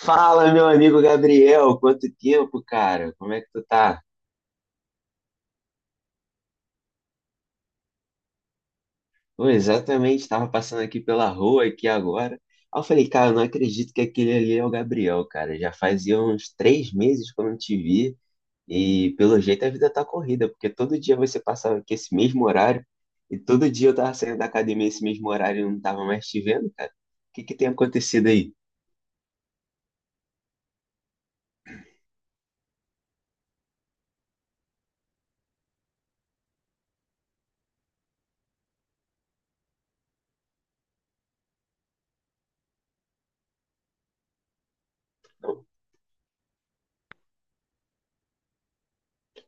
Fala, meu amigo Gabriel, quanto tempo, cara? Como é que tu tá? Pô, exatamente, estava passando aqui pela rua aqui agora. Aí eu falei, cara, eu não acredito que aquele ali é o Gabriel, cara. Já fazia uns 3 meses que eu não te vi e pelo jeito a vida tá corrida, porque todo dia você passava aqui esse mesmo horário e todo dia eu tava saindo da academia esse mesmo horário e não tava mais te vendo, cara. O que que tem acontecido aí?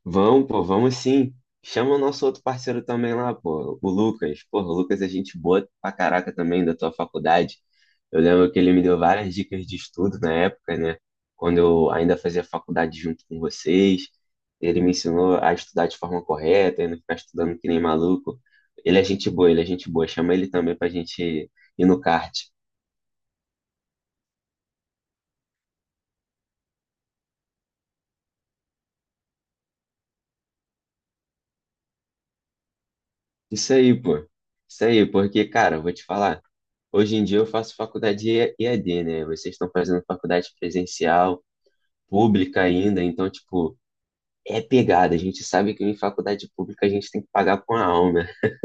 Vamos, pô, vamos sim. Chama o nosso outro parceiro também lá, pô, o Lucas. Porra, o Lucas é gente boa pra caraca também da tua faculdade. Eu lembro que ele me deu várias dicas de estudo na época, né? Quando eu ainda fazia faculdade junto com vocês. Ele me ensinou a estudar de forma correta e não ficar estudando que nem maluco. Ele é gente boa, ele é gente boa. Chama ele também pra gente ir no kart. Isso aí, pô. Isso aí, porque, cara, eu vou te falar. Hoje em dia eu faço faculdade EAD, né? Vocês estão fazendo faculdade presencial, pública ainda, então, tipo, é pegada. A gente sabe que em faculdade pública a gente tem que pagar com a alma.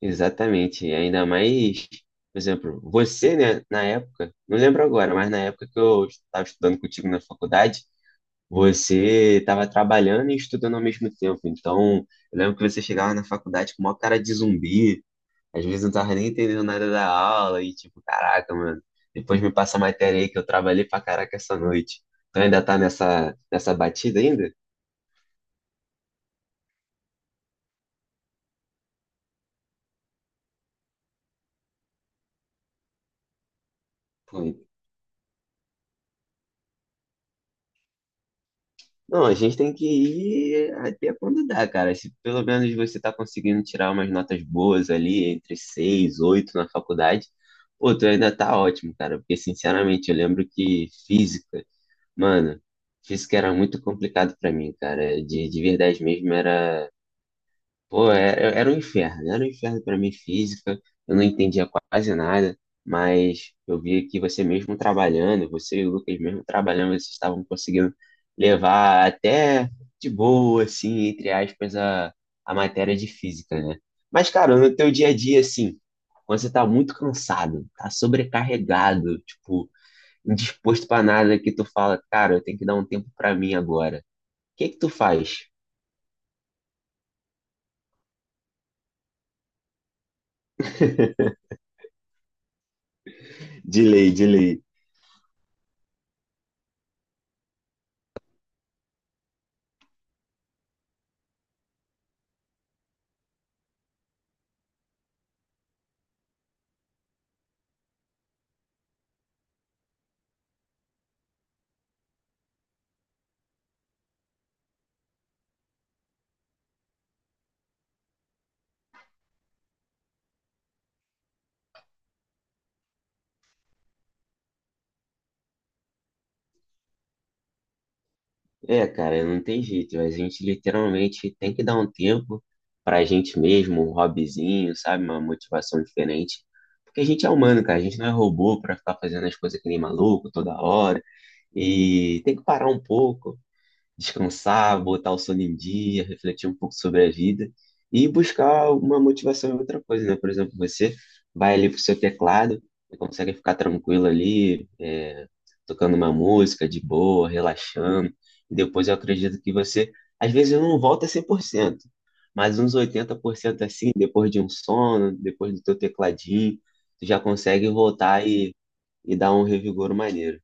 Exatamente. E ainda mais, por exemplo, você, né, na época, não lembro agora, mas na época que eu estava estudando contigo na faculdade, você estava trabalhando e estudando ao mesmo tempo. Então, eu lembro que você chegava na faculdade com uma cara de zumbi. Às vezes eu não tava nem entendendo nada da aula e tipo, caraca, mano, depois me passa a matéria aí que eu trabalhei pra caraca essa noite. Então ainda tá nessa batida ainda? Pô, não, a gente tem que ir até quando dá, cara. Se pelo menos você tá conseguindo tirar umas notas boas ali, entre seis, oito na faculdade, pô, tu ainda tá ótimo, cara. Porque, sinceramente, eu lembro que física, mano, física era muito complicado pra mim, cara. De verdade mesmo, era. Pô, era, era um inferno para mim física, eu não entendia quase nada, mas eu via que você mesmo trabalhando, você e o Lucas mesmo trabalhando, vocês estavam conseguindo levar até de boa, assim, entre aspas, a matéria de física, né? Mas, cara, no teu dia a dia, assim, quando você tá muito cansado, tá sobrecarregado, tipo, indisposto para nada, que tu fala, cara, eu tenho que dar um tempo para mim agora. O que é que tu faz? De lei, de lei. É, cara, não tem jeito. A gente literalmente tem que dar um tempo pra gente mesmo, um hobbyzinho, sabe? Uma motivação diferente. Porque a gente é humano, cara. A gente não é robô pra ficar fazendo as coisas que nem maluco toda hora. E tem que parar um pouco, descansar, botar o sono em dia, refletir um pouco sobre a vida e buscar uma motivação em outra coisa, né? Por exemplo, você vai ali pro seu teclado e consegue ficar tranquilo ali, é, tocando uma música de boa, relaxando. E depois eu acredito que você, às vezes, não volta 100%, mas uns 80% assim, depois de um sono, depois do teu tecladinho, tu já consegue voltar e dar um revigor maneiro.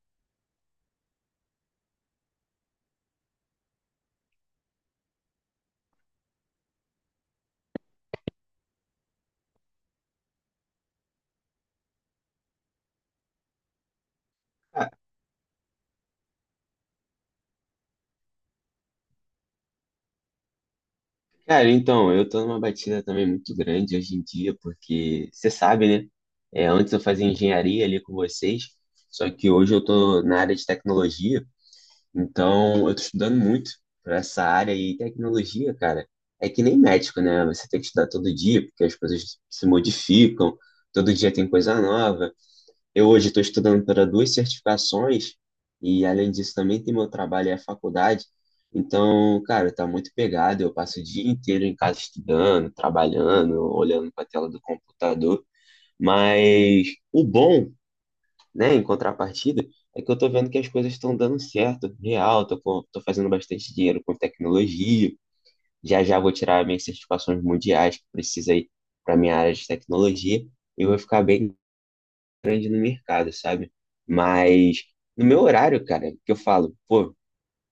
Ah, cara, então, eu tô numa batida também muito grande hoje em dia, porque você sabe, né? É, antes eu fazia engenharia ali com vocês, só que hoje eu tô na área de tecnologia, então eu tô estudando muito pra essa área e tecnologia, cara, é que nem médico, né? Você tem que estudar todo dia, porque as coisas se modificam, todo dia tem coisa nova. Eu hoje estou estudando para duas certificações e, além disso, também tem meu trabalho e a faculdade. Então, cara, tá muito pegado. Eu passo o dia inteiro em casa estudando, trabalhando, olhando para a tela do computador. Mas o bom, né, em contrapartida, é que eu tô vendo que as coisas estão dando certo, real. Tô fazendo bastante dinheiro com tecnologia. Já já vou tirar minhas certificações mundiais que precisa aí para minha área de tecnologia. E vou ficar bem grande no mercado, sabe? Mas no meu horário, cara, que eu falo, pô,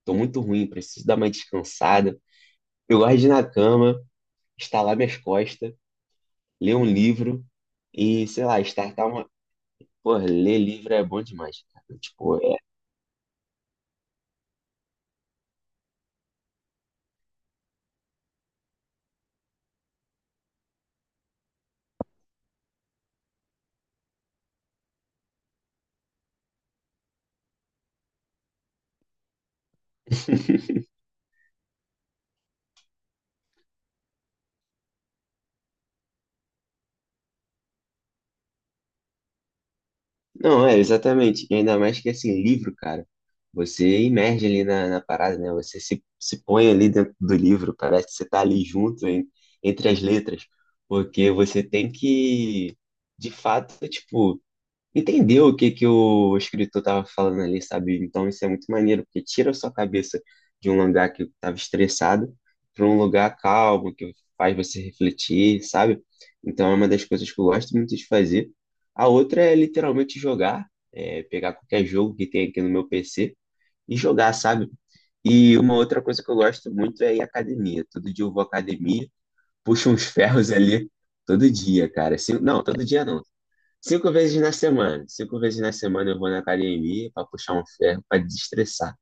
tô muito ruim, preciso dar uma descansada. Eu gosto de ir na cama, estalar minhas costas, ler um livro e, sei lá, startar uma. Pô, ler livro é bom demais, cara. Tipo, é. Não, é, exatamente. E ainda mais que, assim, livro, cara, você imerge ali na parada, né? Você se põe ali dentro do livro, parece que você tá ali junto, entre as letras, porque você tem que, de fato, tipo, entendeu o que que o escritor tava falando ali, sabe? Então isso é muito maneiro, porque tira a sua cabeça de um lugar que estava estressado para um lugar calmo, que faz você refletir, sabe? Então é uma das coisas que eu gosto muito de fazer. A outra é literalmente jogar, é, pegar qualquer jogo que tem aqui no meu PC e jogar, sabe? E uma outra coisa que eu gosto muito é ir à academia. Todo dia eu vou à academia, puxo uns ferros ali todo dia, cara. Assim, não, todo dia não. Cinco vezes na semana. Cinco vezes na semana eu vou na academia pra puxar um ferro, pra desestressar.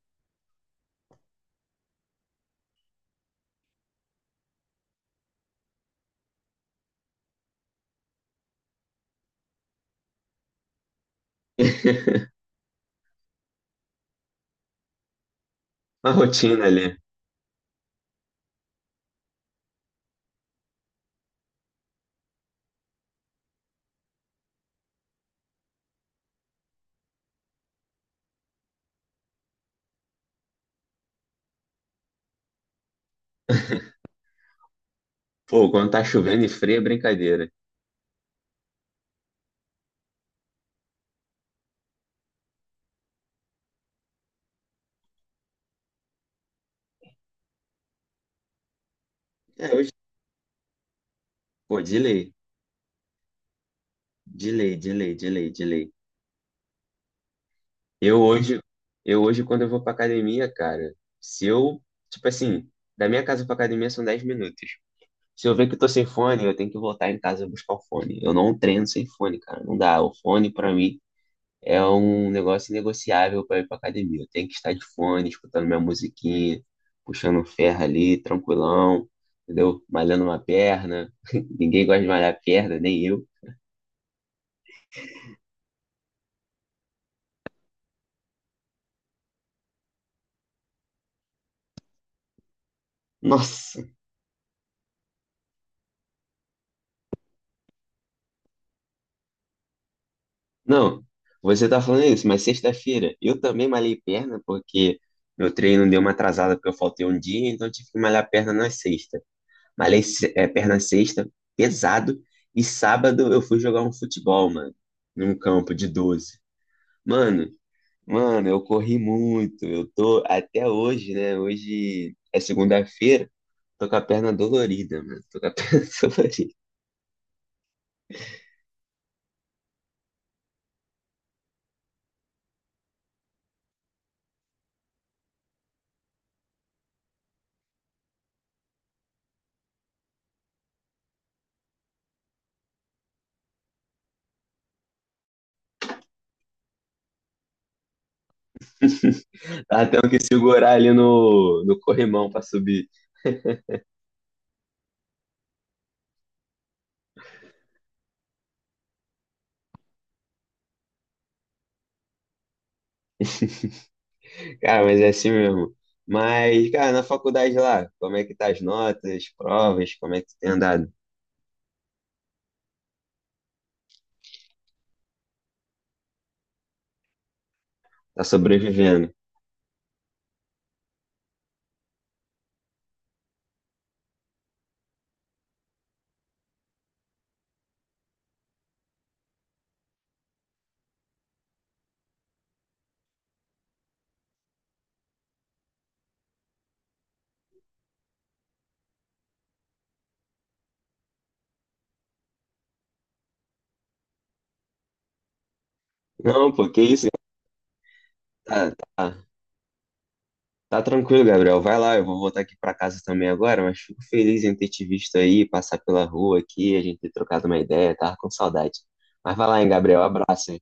Uma rotina ali. Pô, quando tá chovendo e frio é brincadeira. É, hoje, pô, de lei, de lei, de lei, de lei, de lei. Eu hoje, eu hoje quando eu vou pra academia, cara, se eu, tipo assim, da minha casa pra academia são 10 minutos. Se eu ver que eu tô sem fone, eu tenho que voltar em casa buscar o fone. Eu não treino sem fone, cara, não dá. O fone pra mim é um negócio negociável para ir para academia. Eu tenho que estar de fone, escutando minha musiquinha, puxando um ferro ali, tranquilão, entendeu? Malhando uma perna. Ninguém gosta de malhar a perna, nem eu. Nossa! Não, você tá falando isso, mas sexta-feira eu também malhei perna porque meu treino deu uma atrasada porque eu faltei um dia, então eu tive que malhar perna na sexta. Malhei perna sexta, pesado, e sábado eu fui jogar um futebol, mano, num campo de 12. Mano, mano, eu corri muito. Eu tô até hoje, né? Hoje é segunda-feira. Tô com a perna dolorida, mano. Tô com a perna dolorida. Tava tendo que segurar ali no corrimão pra subir. Cara, mas é assim mesmo. Mas, cara, na faculdade lá, como é que tá as notas, provas, como é que tu tem andado? Tá sobrevivendo? Não, pô, que isso? Tá, tá. Tá tranquilo, Gabriel. Vai lá, eu vou voltar aqui pra casa também agora, mas fico feliz em ter te visto aí, passar pela rua aqui, a gente ter trocado uma ideia, tava com saudade. Mas vai lá, hein, Gabriel. Abraço, hein?